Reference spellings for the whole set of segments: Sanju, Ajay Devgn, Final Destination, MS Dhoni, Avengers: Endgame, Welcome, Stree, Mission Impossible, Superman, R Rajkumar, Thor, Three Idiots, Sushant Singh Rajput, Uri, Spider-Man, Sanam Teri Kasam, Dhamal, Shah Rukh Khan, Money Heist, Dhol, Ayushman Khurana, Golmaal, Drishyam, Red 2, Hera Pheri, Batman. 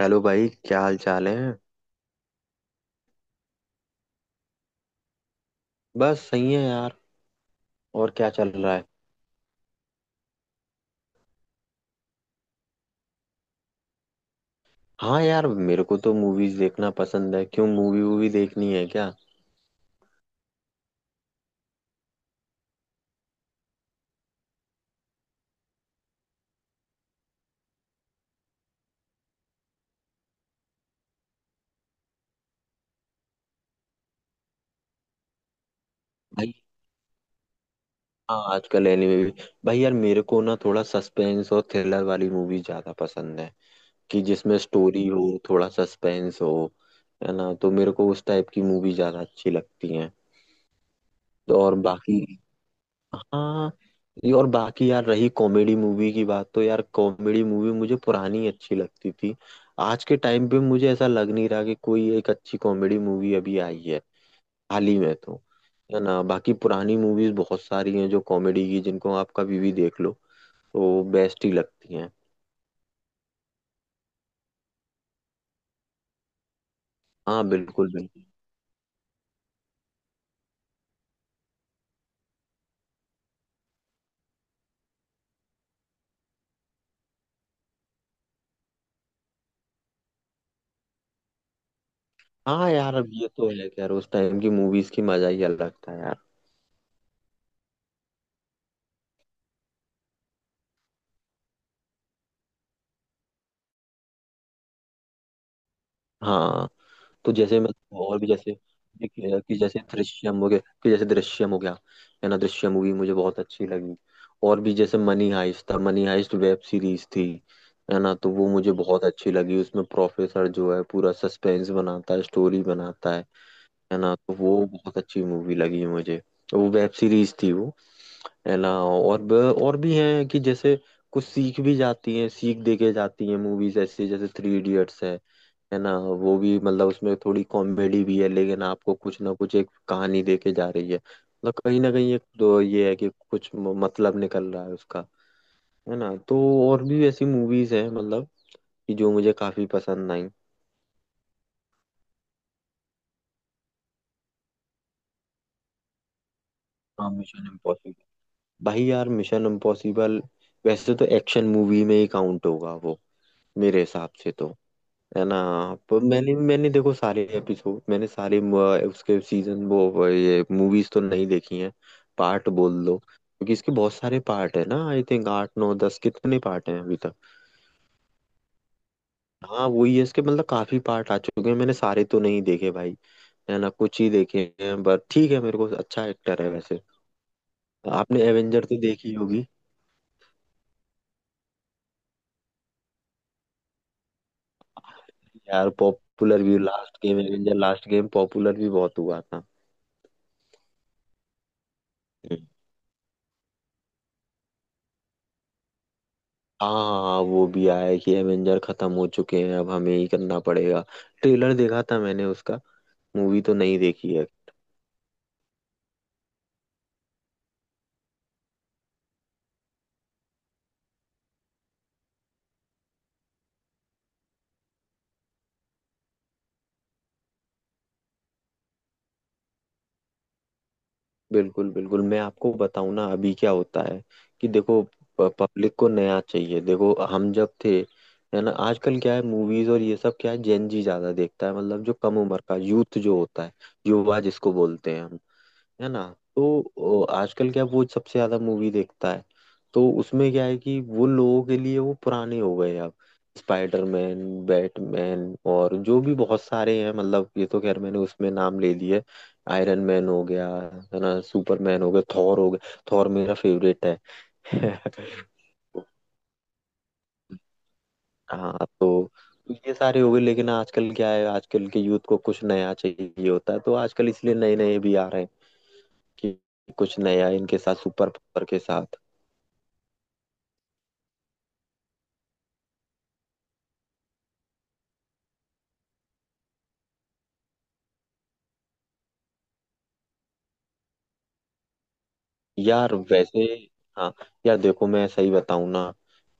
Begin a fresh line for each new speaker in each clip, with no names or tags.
Hello भाई, क्या हाल चाल है। बस सही है यार। और क्या चल रहा है। हाँ यार, मेरे को तो मूवीज देखना पसंद है। क्यों, मूवी वूवी देखनी है क्या भाई। हाँ, आजकल एनिमे भी। भाई यार, मेरे को ना थोड़ा सस्पेंस और थ्रिलर वाली मूवी ज्यादा पसंद है। कि जिसमें स्टोरी हो, थोड़ा सस्पेंस हो। है ना, तो मेरे को उस टाइप की मूवी ज्यादा अच्छी लगती है। तो और बाकी। हाँ, ये और बाकी यार, रही कॉमेडी मूवी की बात, तो यार कॉमेडी मूवी मुझे पुरानी अच्छी लगती थी। आज के टाइम पे मुझे ऐसा लग नहीं रहा कि कोई एक अच्छी कॉमेडी मूवी अभी आई है हाल ही में तो। है ना, बाकी पुरानी मूवीज बहुत सारी हैं जो कॉमेडी की, जिनको आप कभी भी देख लो तो बेस्ट ही लगती हैं। हाँ बिल्कुल, बिल्कुल। हाँ यार, अब ये तो है कि यार उस टाइम की मूवीज की मजा ही अलग था यार। हाँ, तो जैसे मैं, और भी जैसे, देखिए कि जैसे दृश्यम हो गया, कि जैसे दृश्यम हो गया। है ना, दृश्यम मूवी मुझे बहुत अच्छी लगी। और भी जैसे मनी हाइस्ट था, मनी हाइस्ट वेब सीरीज थी। है ना, तो वो मुझे बहुत अच्छी लगी, उसमें प्रोफेसर जो है पूरा सस्पेंस बनाता है, स्टोरी बनाता है। है ना, तो वो बहुत अच्छी मूवी लगी मुझे। वो वेब सीरीज थी वो। है ना, और और भी हैं कि जैसे कुछ सीख भी जाती हैं, सीख देके जाती हैं मूवीज, ऐसे जैसे थ्री इडियट्स है। है ना, वो भी मतलब उसमें थोड़ी कॉमेडी भी है, लेकिन आपको कुछ ना कुछ एक कहानी देके जा रही है, मतलब कहीं ना कहीं एक तो ये है कि कुछ मतलब निकल रहा है उसका। है ना, तो और भी ऐसी मूवीज हैं मतलब, कि जो मुझे काफी पसंद आई। हाँ, मिशन इम्पॉसिबल। भाई यार, मिशन इम्पॉसिबल वैसे तो एक्शन मूवी में ही काउंट होगा वो, मेरे हिसाब से तो। है ना, पर मैंने मैंने देखो सारे एपिसोड, मैंने सारे उसके सीजन, वो ये मूवीज तो नहीं देखी हैं। पार्ट बोल दो, क्योंकि इसके बहुत सारे पार्ट है ना, आई थिंक आठ नौ दस कितने पार्ट हैं अभी तक। हाँ वही है, इसके मतलब काफी पार्ट आ चुके हैं, मैंने सारे तो नहीं देखे भाई। है ना, कुछ ही देखे हैं, बट ठीक है, मेरे को अच्छा एक्टर है वैसे। आपने एवेंजर तो देखी होगी। यार, पॉपुलर भी last game, avenger last game popular भी बहुत हुआ था। हाँ, वो भी आया है कि एवेंजर खत्म हो चुके हैं अब हमें ही करना पड़ेगा। ट्रेलर देखा था मैंने उसका, मूवी तो नहीं देखी है। बिल्कुल बिल्कुल, मैं आपको बताऊं ना अभी क्या होता है, कि देखो पब्लिक को नया चाहिए। देखो हम जब थे, है ना, आजकल क्या है मूवीज और ये सब, क्या है जेन जी ज्यादा देखता है, मतलब जो कम उम्र का यूथ जो होता है, युवा जिसको बोलते हैं हम। है ना, तो आजकल क्या, वो सबसे ज्यादा मूवी देखता है। तो उसमें क्या है कि वो लोगों के लिए वो पुराने हो गए अब, स्पाइडरमैन, बैटमैन और जो भी बहुत सारे हैं, मतलब ये तो खैर मैंने उसमें नाम ले लिए। आयरन मैन हो गया, है ना, सुपरमैन हो गया, थॉर हो गया, थॉर मेरा फेवरेट है। हाँ, तो ये सारे हो गए, लेकिन आजकल क्या है, आजकल के यूथ को कुछ नया चाहिए होता है, तो आजकल इसलिए नए नए भी आ रहे हैं, कि कुछ नया इनके साथ, सुपर पावर के साथ। यार वैसे, हाँ यार देखो, मैं सही बताऊं ना,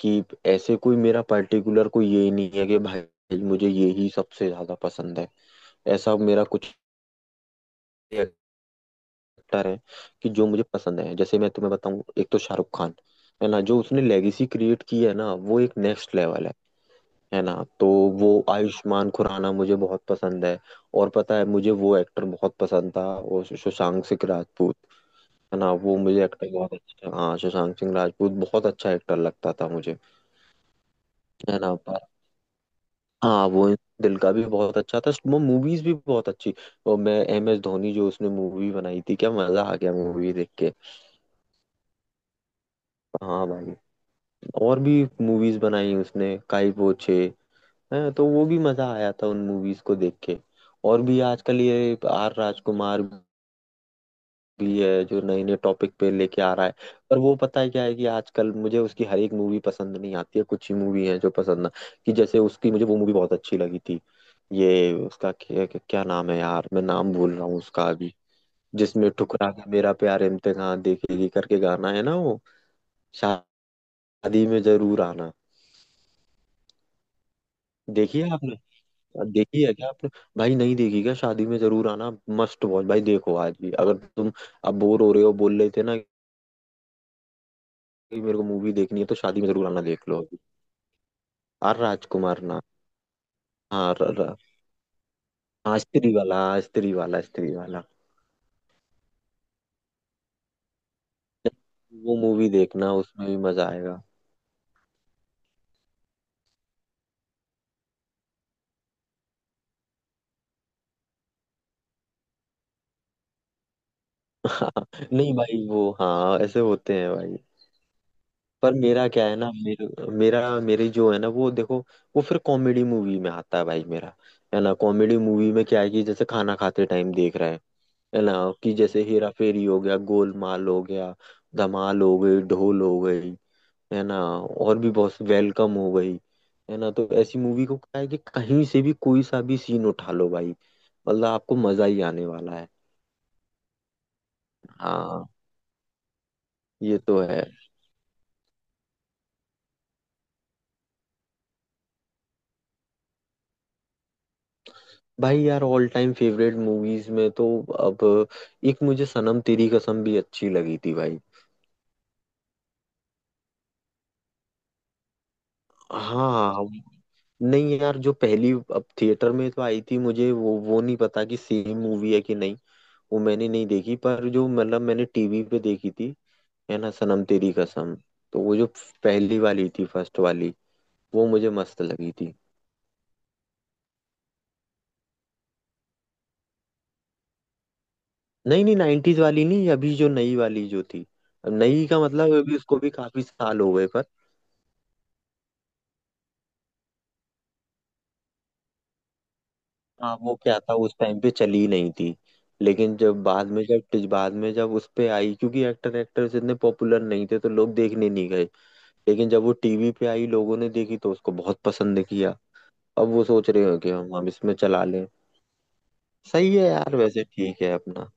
कि ऐसे कोई मेरा पर्टिकुलर कोई ये नहीं है कि भाई मुझे ये ही सबसे ज्यादा पसंद है। ऐसा मेरा कुछ एक्टर है कि जो मुझे पसंद है, जैसे मैं तुम्हें बताऊं, एक तो शाहरुख खान। है ना, जो उसने लेगेसी क्रिएट की है ना, वो एक नेक्स्ट लेवल है। है ना, तो वो आयुष्मान खुराना मुझे बहुत पसंद है। और पता है, मुझे वो एक्टर बहुत पसंद था, वो शशांक सिंह राजपूत। है ना, वो मुझे एक्टर बहुत अच्छा। हाँ, सुशांत सिंह राजपूत बहुत अच्छा एक्टर लगता था मुझे। है ना, पर हाँ, वो दिल का भी बहुत अच्छा था, वो मूवीज भी बहुत अच्छी। और मैं, MS धोनी जो उसने मूवी बनाई थी, क्या मजा आ गया मूवी देख के। हाँ भाई, और भी मूवीज बनाई उसने, काई पोछे है, तो वो भी मजा आया था उन मूवीज को देख के। और भी आजकल ये आर राजकुमार भी है, जो नए नए टॉपिक पे लेके आ रहा है। पर वो पता है क्या है, कि आजकल मुझे उसकी हर एक मूवी पसंद नहीं आती है, कुछ ही मूवी है जो पसंद ना, कि जैसे उसकी मुझे वो मूवी बहुत अच्छी लगी थी। ये उसका क्या नाम है यार, मैं नाम भूल रहा हूँ उसका अभी। जिसमें ठुकरा के मेरा प्यार इम्तिहान देखेगी करके गाना है ना वो, शादी में जरूर आना। देखिए, आपने देखी है क्या आपने। भाई, नहीं देखी क्या शादी में जरूर आना, मस्ट वॉच भाई। देखो आज भी अगर तुम अब बोर हो रहे हो, बोल रहे थे ना भाई मेरे को मूवी देखनी है, तो शादी में जरूर आना देख लो अभी। आर राजकुमार ना, हाँ, र, र, हाँ स्त्री वाला। हाँ, स्त्री वाला, स्त्री वाला। वो मूवी देखना, उसमें भी मजा आएगा। नहीं भाई वो, हाँ ऐसे होते हैं भाई। पर मेरा क्या है ना, मेरे, मेरा मेरी जो है ना, वो देखो, वो फिर कॉमेडी मूवी में आता है भाई मेरा। है ना, कॉमेडी मूवी में क्या है, कि जैसे खाना खाते टाइम देख रहे हैं। है ना, कि जैसे हेरा फेरी हो गया, गोलमाल हो गया, धमाल हो गई, ढोल हो गई। है ना, और भी बहुत, वेलकम हो गई। है ना, तो ऐसी मूवी को क्या है कि कहीं से भी कोई सा भी सीन उठा लो भाई, मतलब आपको मजा ही आने वाला है। हाँ, ये तो है। भाई यार, ऑल टाइम फेवरेट मूवीज में तो, अब एक मुझे सनम तेरी कसम भी अच्छी लगी थी भाई। हाँ, नहीं यार, जो पहली, अब थिएटर में तो आई थी, मुझे वो नहीं पता कि सेम मूवी है कि नहीं। वो मैंने नहीं देखी, पर जो मतलब मैंने टीवी पे देखी थी, है ना, सनम तेरी कसम। तो वो जो पहली वाली थी, फर्स्ट वाली, वो मुझे मस्त लगी थी। नहीं नहीं, नाइन्टीज वाली नहीं, अभी जो नई वाली जो थी। अब नई का मतलब अभी उसको भी काफी साल हो गए पर। हाँ, वो क्या था, उस टाइम पे चली नहीं थी। लेकिन जब बाद में, जब बाद में, जब उस पे आई, क्योंकि एक्टर एक्ट्रेस इतने पॉपुलर नहीं थे, तो लोग देखने नहीं गए। लेकिन जब वो टीवी पे आई, लोगों ने देखी तो उसको बहुत पसंद किया। अब वो सोच रहे हो कि हम इसमें चला लें। सही है यार, वैसे ठीक है अपना।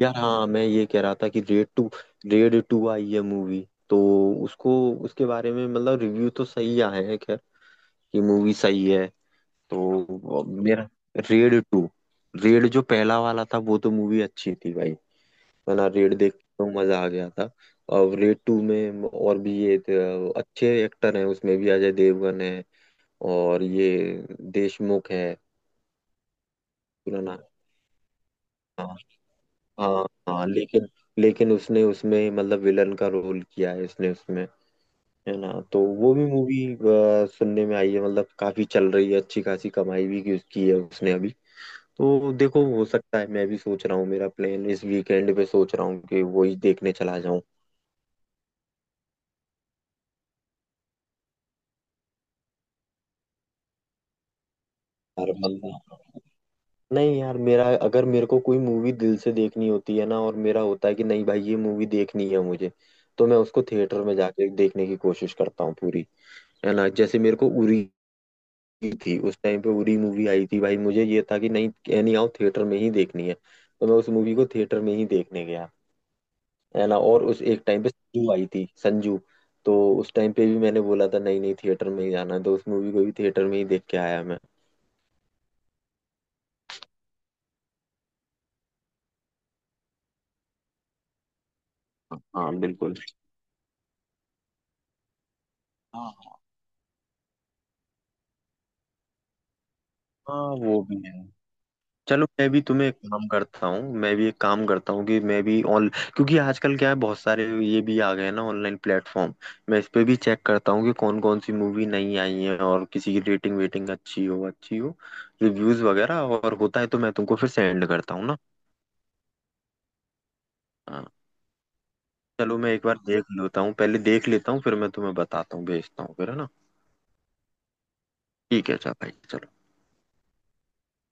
यार हाँ, मैं ये कह रहा था कि रेड टू, रेड टू आई है मूवी। तो उसको, उसके बारे में मतलब रिव्यू तो सही आए हैं, खैर कि मूवी सही है। तो मेरा, रेड टू, रेड जो पहला वाला था, वो तो मूवी अच्छी थी भाई। है ना, रेड देख के तो मजा आ गया था। अब रेड टू में और भी ये अच्छे एक्टर हैं, उसमें भी अजय देवगन है, और ये देशमुख है पुराना। हाँ हाँ हाँ, लेकिन लेकिन उसने उसमें मतलब विलन का रोल किया है उसने उसमें। है ना, तो वो भी मूवी सुनने में आई है, मतलब काफी चल रही है, अच्छी खासी कमाई भी की है उसने अभी। तो देखो, हो सकता है मैं भी सोच रहा हूँ, मेरा प्लान इस वीकेंड पे सोच रहा हूँ कि वही देखने चला जाऊं। हर बंदा, नहीं यार, मेरा अगर, मेरे को कोई मूवी दिल से देखनी होती है ना, और मेरा होता है कि नहीं भाई ये मूवी देखनी है मुझे, तो मैं उसको थिएटर में जाके देखने की कोशिश करता हूँ पूरी। है ना, जैसे मेरे को उरी की थी, उस टाइम पे उरी मूवी आई थी भाई, मुझे ये था कि नहीं एनी हाउ थिएटर में ही देखनी है, तो मैं उस मूवी को थिएटर में ही देखने गया। है ना, और उस एक टाइम पे संजू आई थी, संजू, तो उस टाइम पे भी मैंने बोला था नहीं नहीं थिएटर में ही जाना है, तो उस मूवी को भी थिएटर में ही देख के आया मैं। हाँ बिल्कुल। हाँ हाँ। हाँ, वो भी है। चलो, मैं भी तुम्हें एक काम करता हूँ, मैं भी एक काम करता हूँ कि मैं भी ऑन, क्योंकि आजकल क्या है बहुत सारे ये भी आ गए हैं ना ऑनलाइन प्लेटफॉर्म। मैं इस पे भी चेक करता हूँ कि कौन कौन सी मूवी नई आई है, और किसी की रेटिंग वेटिंग अच्छी हो, अच्छी हो, रिव्यूज वगैरह और होता है, तो मैं तुमको फिर सेंड करता हूँ ना। हाँ, चलो मैं एक बार देख लेता हूँ, पहले देख लेता हूँ, फिर मैं तुम्हें बताता हूँ, भेजता हूँ फिर, है ना। ठीक है, अच्छा भाई चलो।